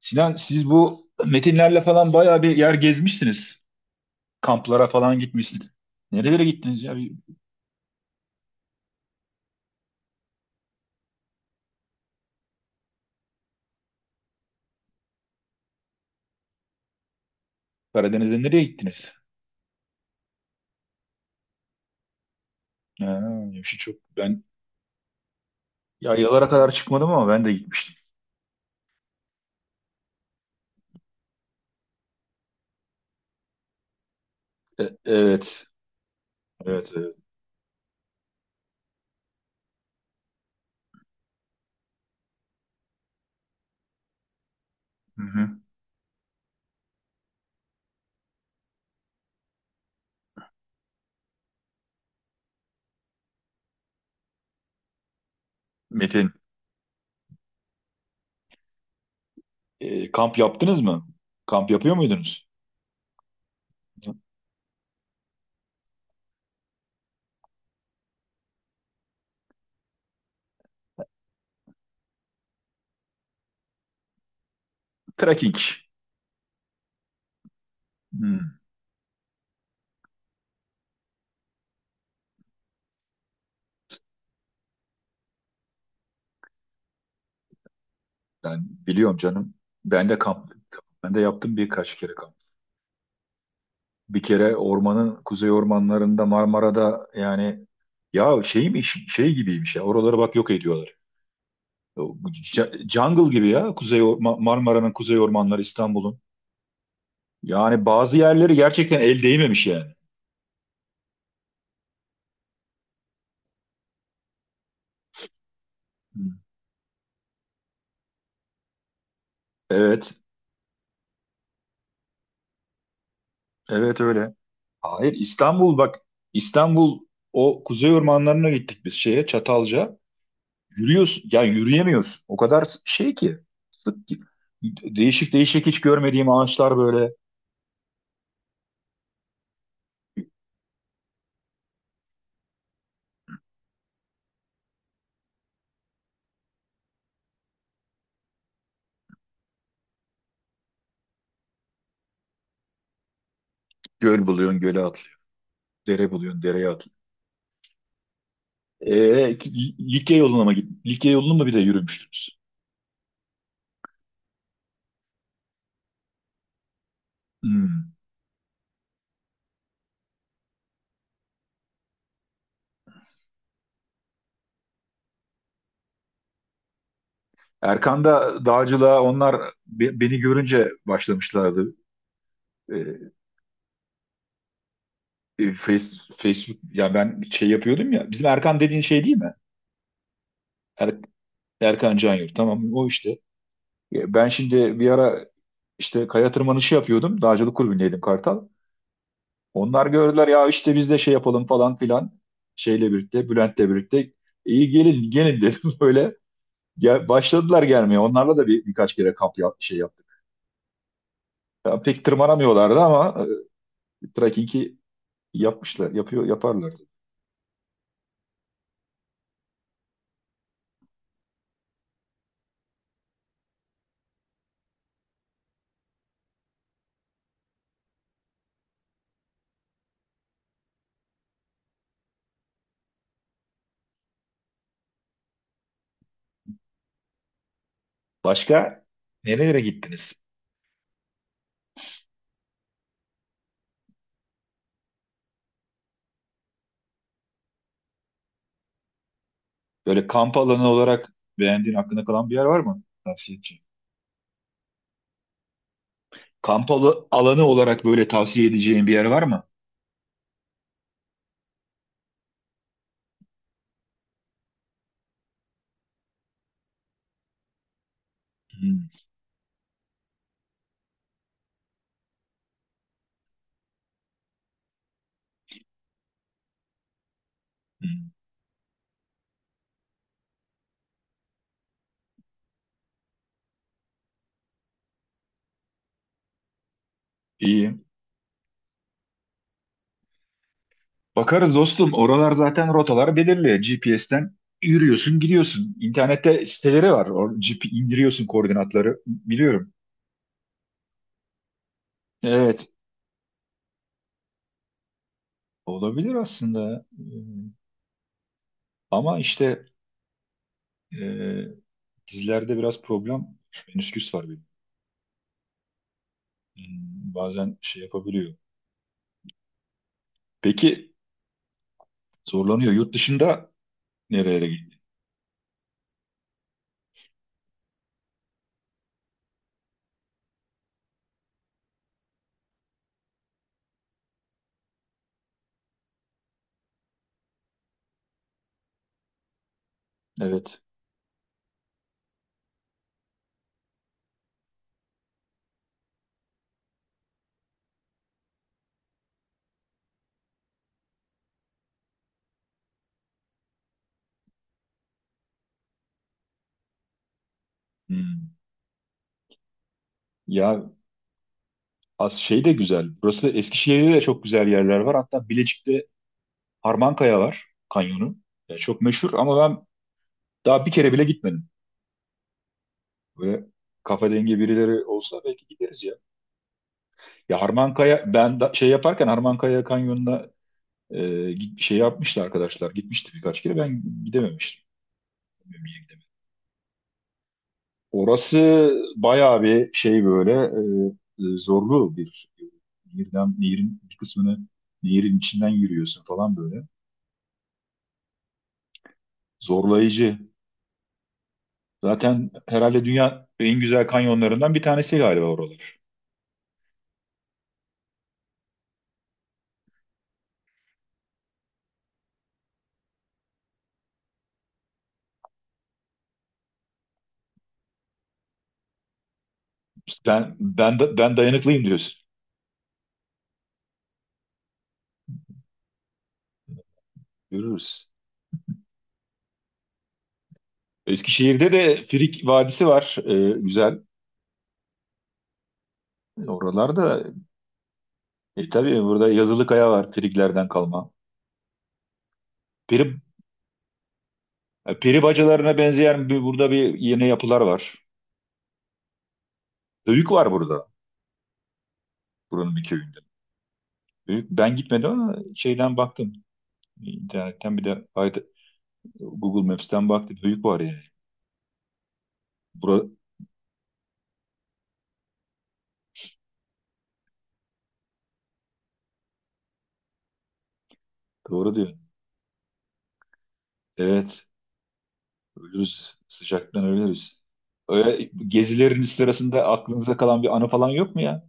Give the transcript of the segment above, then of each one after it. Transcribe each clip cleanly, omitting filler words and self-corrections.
Sinan, siz bu metinlerle falan bayağı bir yer gezmişsiniz. Kamplara falan gitmişsiniz. Nerelere gittiniz ya? Bir Karadeniz'de nereye gittiniz? Ha, yavşı çok. Ben yaylalara kadar çıkmadım ama ben de gitmiştim. Evet. Evet, evet. Hı hı. Metin. Kamp yaptınız mı? Kamp yapıyor muydunuz? Trekking. Hmm, ben biliyorum canım. Ben de kamp. Ben de yaptım birkaç kere kamp. Bir kere ormanın kuzey ormanlarında Marmara'da yani ya şey mi, şey gibiymiş ya, oraları bak yok ediyorlar. Jungle gibi ya, kuzey Marmara'nın kuzey ormanları İstanbul'un. Yani bazı yerleri gerçekten el değmemiş yani. Hı. Evet, evet öyle. Hayır, İstanbul bak, İstanbul o kuzey ormanlarına gittik biz şeye Çatalca. Yürüyorsun ya, yürüyemiyorsun. O kadar şey ki, sık ki. Değişik değişik hiç görmediğim ağaçlar böyle, göl buluyorsun göle, dere buluyorsun, dereye atılıyor. Likya yoluna mı gittin? Likya yolunu mu bir de yürümüştünüz? Hmm. Erkan da dağcılığa onlar beni görünce başlamışlardı. Ee, e, face, Facebook, ya ben şey yapıyordum ya. Bizim Erkan dediğin şey değil mi? Er- Erkan Canyurt, tamam o işte. Ya ben şimdi bir ara işte kaya tırmanışı yapıyordum. Dağcılık kulübündeydim, Kartal. Onlar gördüler ya, işte biz de şey yapalım falan filan. Şeyle birlikte, Bülent'le birlikte. İyi, gelin gelin dedim böyle. Gel, başladılar gelmeye. Onlarla da birkaç kere kamp yap, şey yaptık. Ya, pek tırmanamıyorlardı ama trekkingi yapmışlar, yapıyor, yaparlardı. Başka nerelere gittiniz? Böyle kamp alanı olarak beğendiğin, aklına kalan bir yer var mı? Tavsiye edeceğim. Kamp alanı olarak böyle tavsiye edeceğin bir yer var mı? Hmm, hmm. İyi. Bakarız dostum. Oralar zaten rotalar belirli. GPS'ten yürüyorsun, gidiyorsun. İnternette siteleri var. Or GP indiriyorsun koordinatları. Biliyorum. Evet. Olabilir aslında. Hmm, ama işte e, dizilerde biraz problem, menisküs var benim. Hmm, bazen şey yapabiliyor. Peki zorlanıyor. Yurt dışında nerelere gitti? Evet. Hmm. Ya, az şey de güzel. Burası Eskişehir'de de çok güzel yerler var. Hatta Bilecik'te Harmankaya var, kanyonu. Ya çok meşhur ama ben daha bir kere bile gitmedim. Böyle kafa dengi birileri olsa belki gideriz ya. Ya Harmankaya ben da, şey yaparken Harmankaya kanyonuna şey yapmıştı arkadaşlar. Gitmişti birkaç kere. Ben gidememiştim. Bilmiyorum, gidemedim. Orası bayağı bir şey, böyle zorlu bir nehirden, nehirin bir kısmını, nehirin içinden yürüyorsun falan böyle. Zorlayıcı. Zaten herhalde dünya en güzel kanyonlarından bir tanesi galiba oralar. İşte ben dayanıklıyım diyorsun. Görürüz. Eskişehir'de de Frig Vadisi var. Güzel. Oralarda tabii burada yazılı kaya var, Friglerden kalma. Peri, Peri bacalarına benzeyen bir, burada bir yeni yapılar var. Höyük var burada. Buranın bir köyünde. Höyük, ben gitmedim ama şeyden baktım. İnternetten Google Maps'ten baktım. Höyük var yani. Bura, doğru diyor. Evet. Ölürüz. Sıcaktan ölürüz. Öyle gezilerin sırasında aklınıza kalan bir anı falan yok mu ya?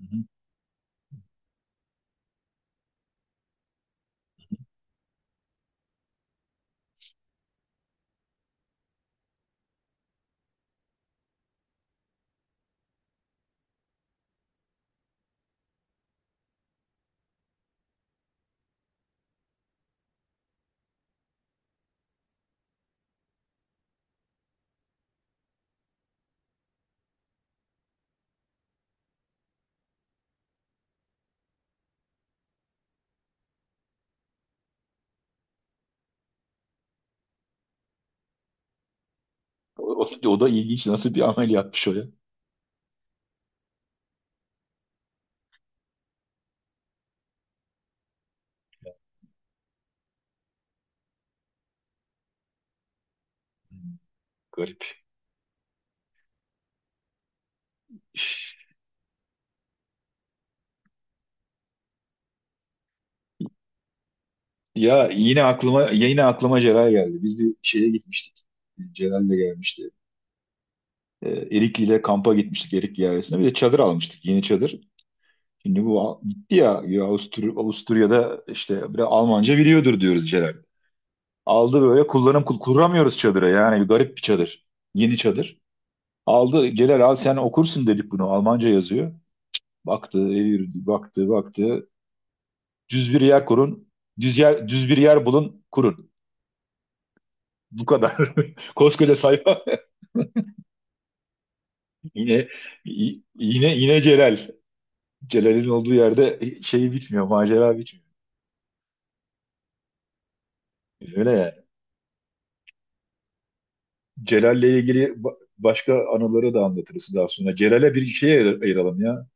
Hı hı. O, o o da ilginç. Nasıl bir amel yapmış o ya? Hı, garip. Ya yine aklıma, yine aklıma Celal geldi. Biz bir şeye gitmiştik. Celal de gelmişti. E, Erikli ile kampa gitmiştik, Erikli ailesine. Bir de çadır almıştık. Yeni çadır. Şimdi gitti ya, ya Avusturya'da işte bir Almanca biliyordur diyoruz Celal. Aldı böyle, kullanım kuramıyoruz çadıra. Yani bir garip bir çadır. Yeni çadır. Aldı Celal, al sen okursun dedik bunu. Almanca yazıyor. Baktı, evirdi, baktı, baktı. Düz bir yer kurun. Düz bir yer bulun, kurun. Bu kadar. Koskoca sayfa. Yine y- yine Yine Celal. Celal'in olduğu yerde şey bitmiyor, macera bitmiyor. Öyle yani. Celal'le ilgili başka anıları da anlatırız daha sonra. Celal'e bir şey ayır- Ayıralım ya.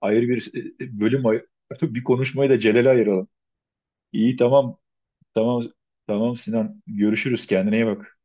Ayrı bir e, e, bölüm ay- Bir konuşmayı da Celal'e ayıralım. İyi, tamam. Tamam. Tamam Sinan. Görüşürüz. Kendine iyi bak.